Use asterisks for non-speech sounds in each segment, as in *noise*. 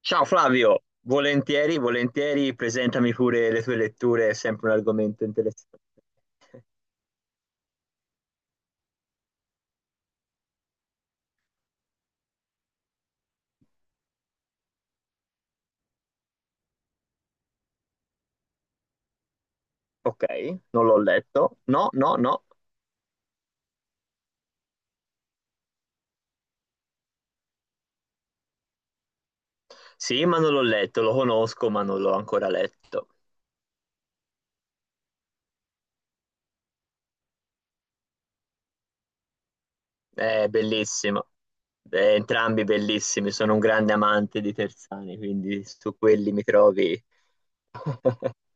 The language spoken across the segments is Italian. Ciao Flavio, volentieri, volentieri, presentami pure le tue letture, è sempre un argomento interessante. Ok, non l'ho letto. No, no, no. Sì, ma non l'ho letto, lo conosco, ma non l'ho ancora letto. È bellissimo. Entrambi bellissimi, sono un grande amante di Terzani, quindi su quelli mi trovi. *laughs*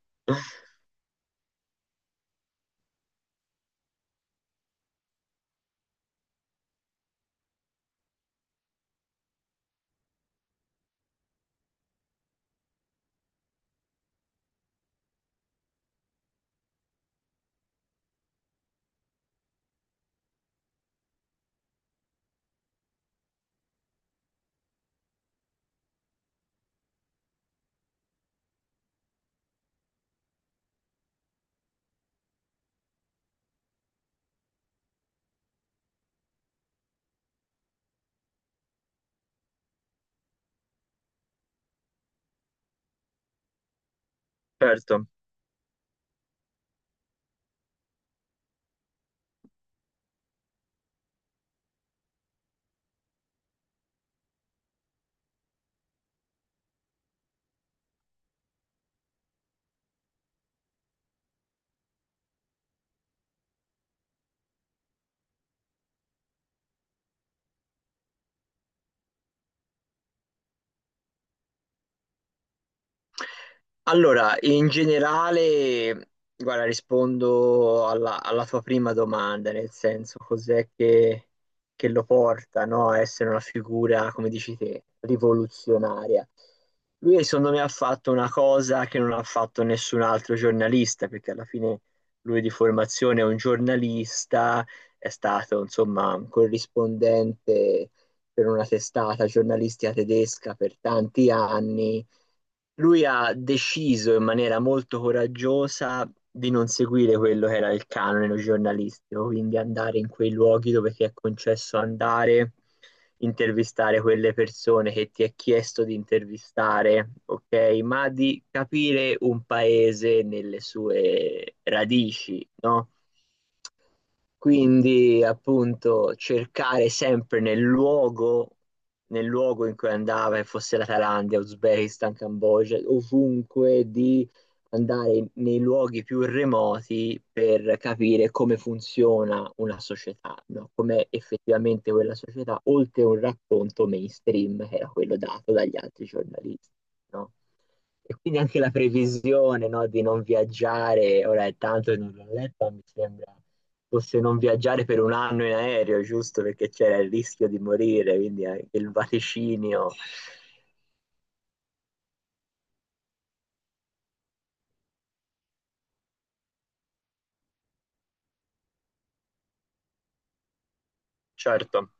Certo. Allora, in generale, guarda, rispondo alla tua prima domanda, nel senso cos'è che lo porta, no, a essere una figura, come dici te, rivoluzionaria. Lui, secondo me, ha fatto una cosa che non ha fatto nessun altro giornalista, perché alla fine lui di formazione è un giornalista, è stato, insomma, un corrispondente per una testata giornalistica tedesca per tanti anni. Lui ha deciso in maniera molto coraggiosa di non seguire quello che era il canone giornalistico, quindi andare in quei luoghi dove ti è concesso andare, intervistare quelle persone che ti è chiesto di intervistare, ok? Ma di capire un paese nelle sue radici, no? Quindi, appunto, cercare sempre nel luogo in cui andava, che fosse la Thailandia, Uzbekistan, Cambogia, ovunque, di andare nei luoghi più remoti per capire come funziona una società, no? Com'è effettivamente quella società, oltre a un racconto mainstream che era quello dato dagli altri giornalisti, no? E quindi anche la previsione, no, di non viaggiare, ora è tanto che non l'ho letto, ma mi sembra fosse non viaggiare per un anno in aereo, giusto? Perché c'era il rischio di morire, quindi anche il vaticinio. Certo.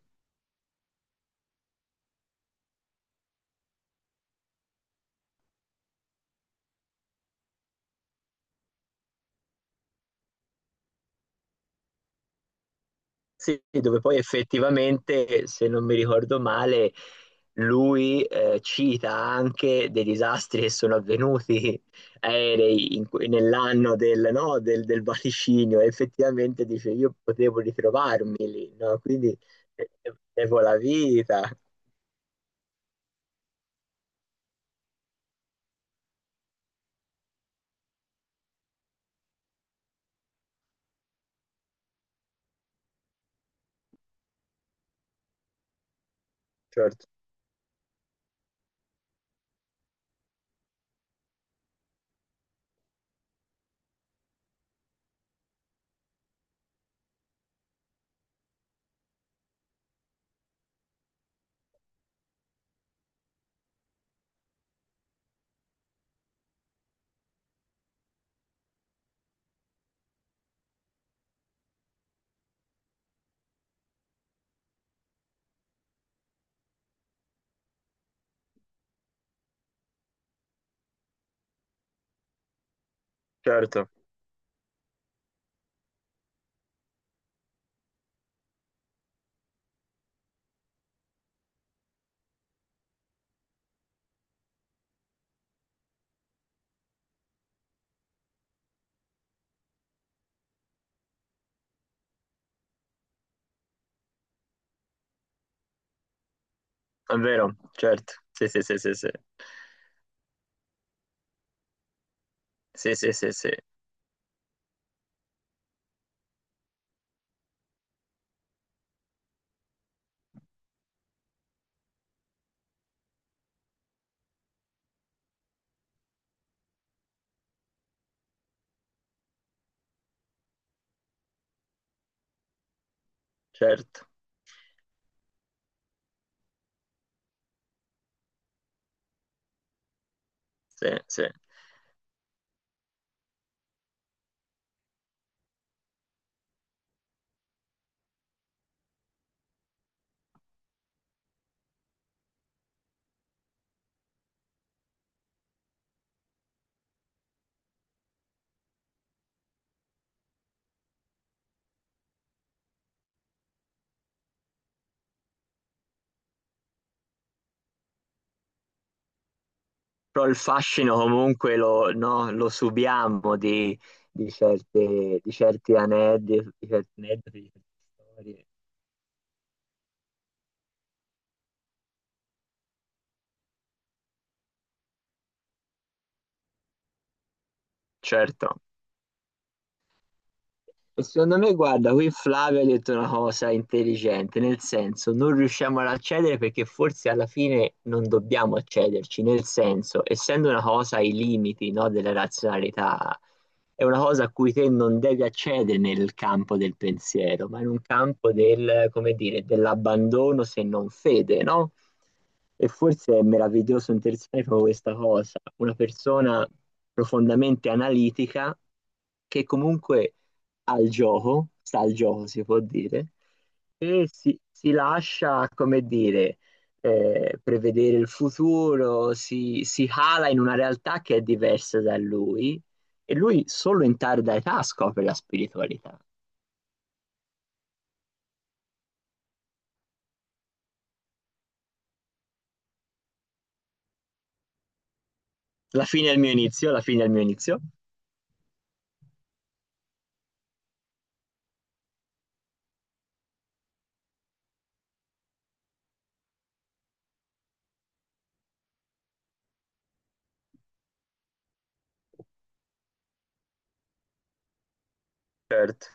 Sì, dove poi effettivamente, se non mi ricordo male, lui cita anche dei disastri che sono avvenuti *laughs* aerei nell'anno del, no, del, del vaticinio. E effettivamente dice, io potevo ritrovarmi lì, no? Quindi eh, avevo la vita. Certo, certo, è vero, certo. Sì, sì, sì, sì, sì. Sì, sì, sì, sì, certo. Sì, sì. Però il fascino comunque lo, no, lo subiamo di certe, di certi aneddoti, di certe storie. Certo. Secondo me, guarda, qui Flavio ha detto una cosa intelligente, nel senso non riusciamo ad accedere perché forse alla fine non dobbiamo accederci, nel senso, essendo una cosa ai limiti, no, della razionalità, è una cosa a cui te non devi accedere nel campo del pensiero, ma in un campo del, come dire, dell'abbandono se non fede, no? E forse è meraviglioso e interessante proprio questa cosa, una persona profondamente analitica che comunque al gioco, sta al gioco si può dire, e si lascia, come dire, prevedere il futuro, si cala in una realtà che è diversa da lui e lui solo in tarda età scopre la spiritualità. La fine è il mio inizio, la fine è il mio inizio. Certo.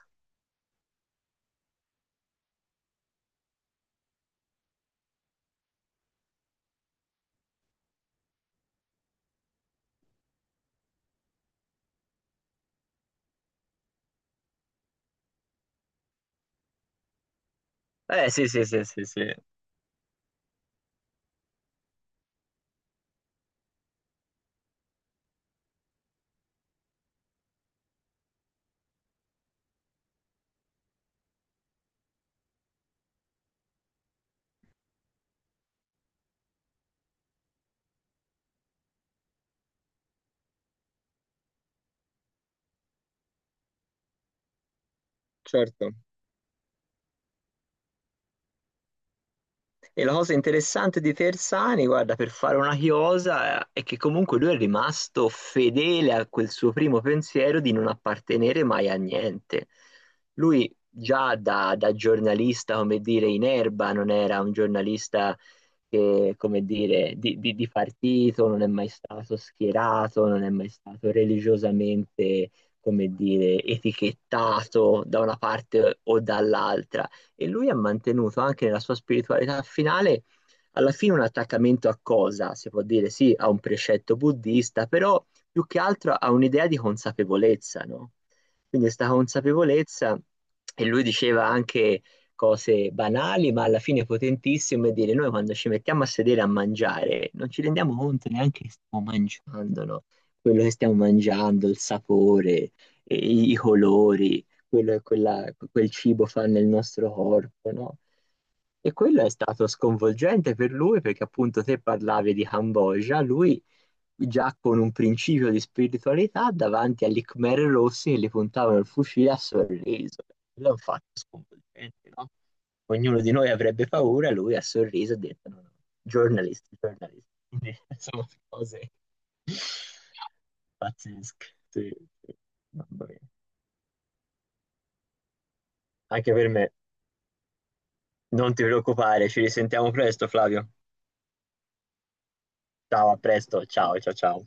Eh sì, sì, sì, sì, sì. Certo. E la cosa interessante di Tersani, guarda, per fare una chiosa, è che comunque lui è rimasto fedele a quel suo primo pensiero di non appartenere mai a niente. Lui già da giornalista, come dire, in erba, non era un giornalista che, come dire, di partito, non è mai stato schierato, non è mai stato religiosamente, come dire, etichettato da una parte o dall'altra e lui ha mantenuto anche nella sua spiritualità finale alla fine un attaccamento a cosa? Si può dire sì, a un precetto buddista, però più che altro a un'idea di consapevolezza, no? Quindi questa consapevolezza, e lui diceva anche cose banali, ma alla fine potentissime, dire noi quando ci mettiamo a sedere a mangiare non ci rendiamo conto neanche che stiamo mangiando, no? Quello che stiamo mangiando, il sapore, e i colori, quello, quella, quel cibo fa nel nostro corpo, no? E quello è stato sconvolgente per lui perché appunto te parlavi di Cambogia, lui già con un principio di spiritualità davanti agli Khmer rossi che gli puntavano il fucile a sorriso. Quello è un fatto sconvolgente, no? Ognuno di noi avrebbe paura, lui ha sorriso e ha detto no, no, giornalisti, giornalisti. Quindi, *laughs* insomma, cose *laughs* pazzesche. Sì, sì. Mamma mia. Anche per me. Non ti preoccupare, ci risentiamo presto, Flavio. Ciao, a presto. Ciao, ciao, ciao.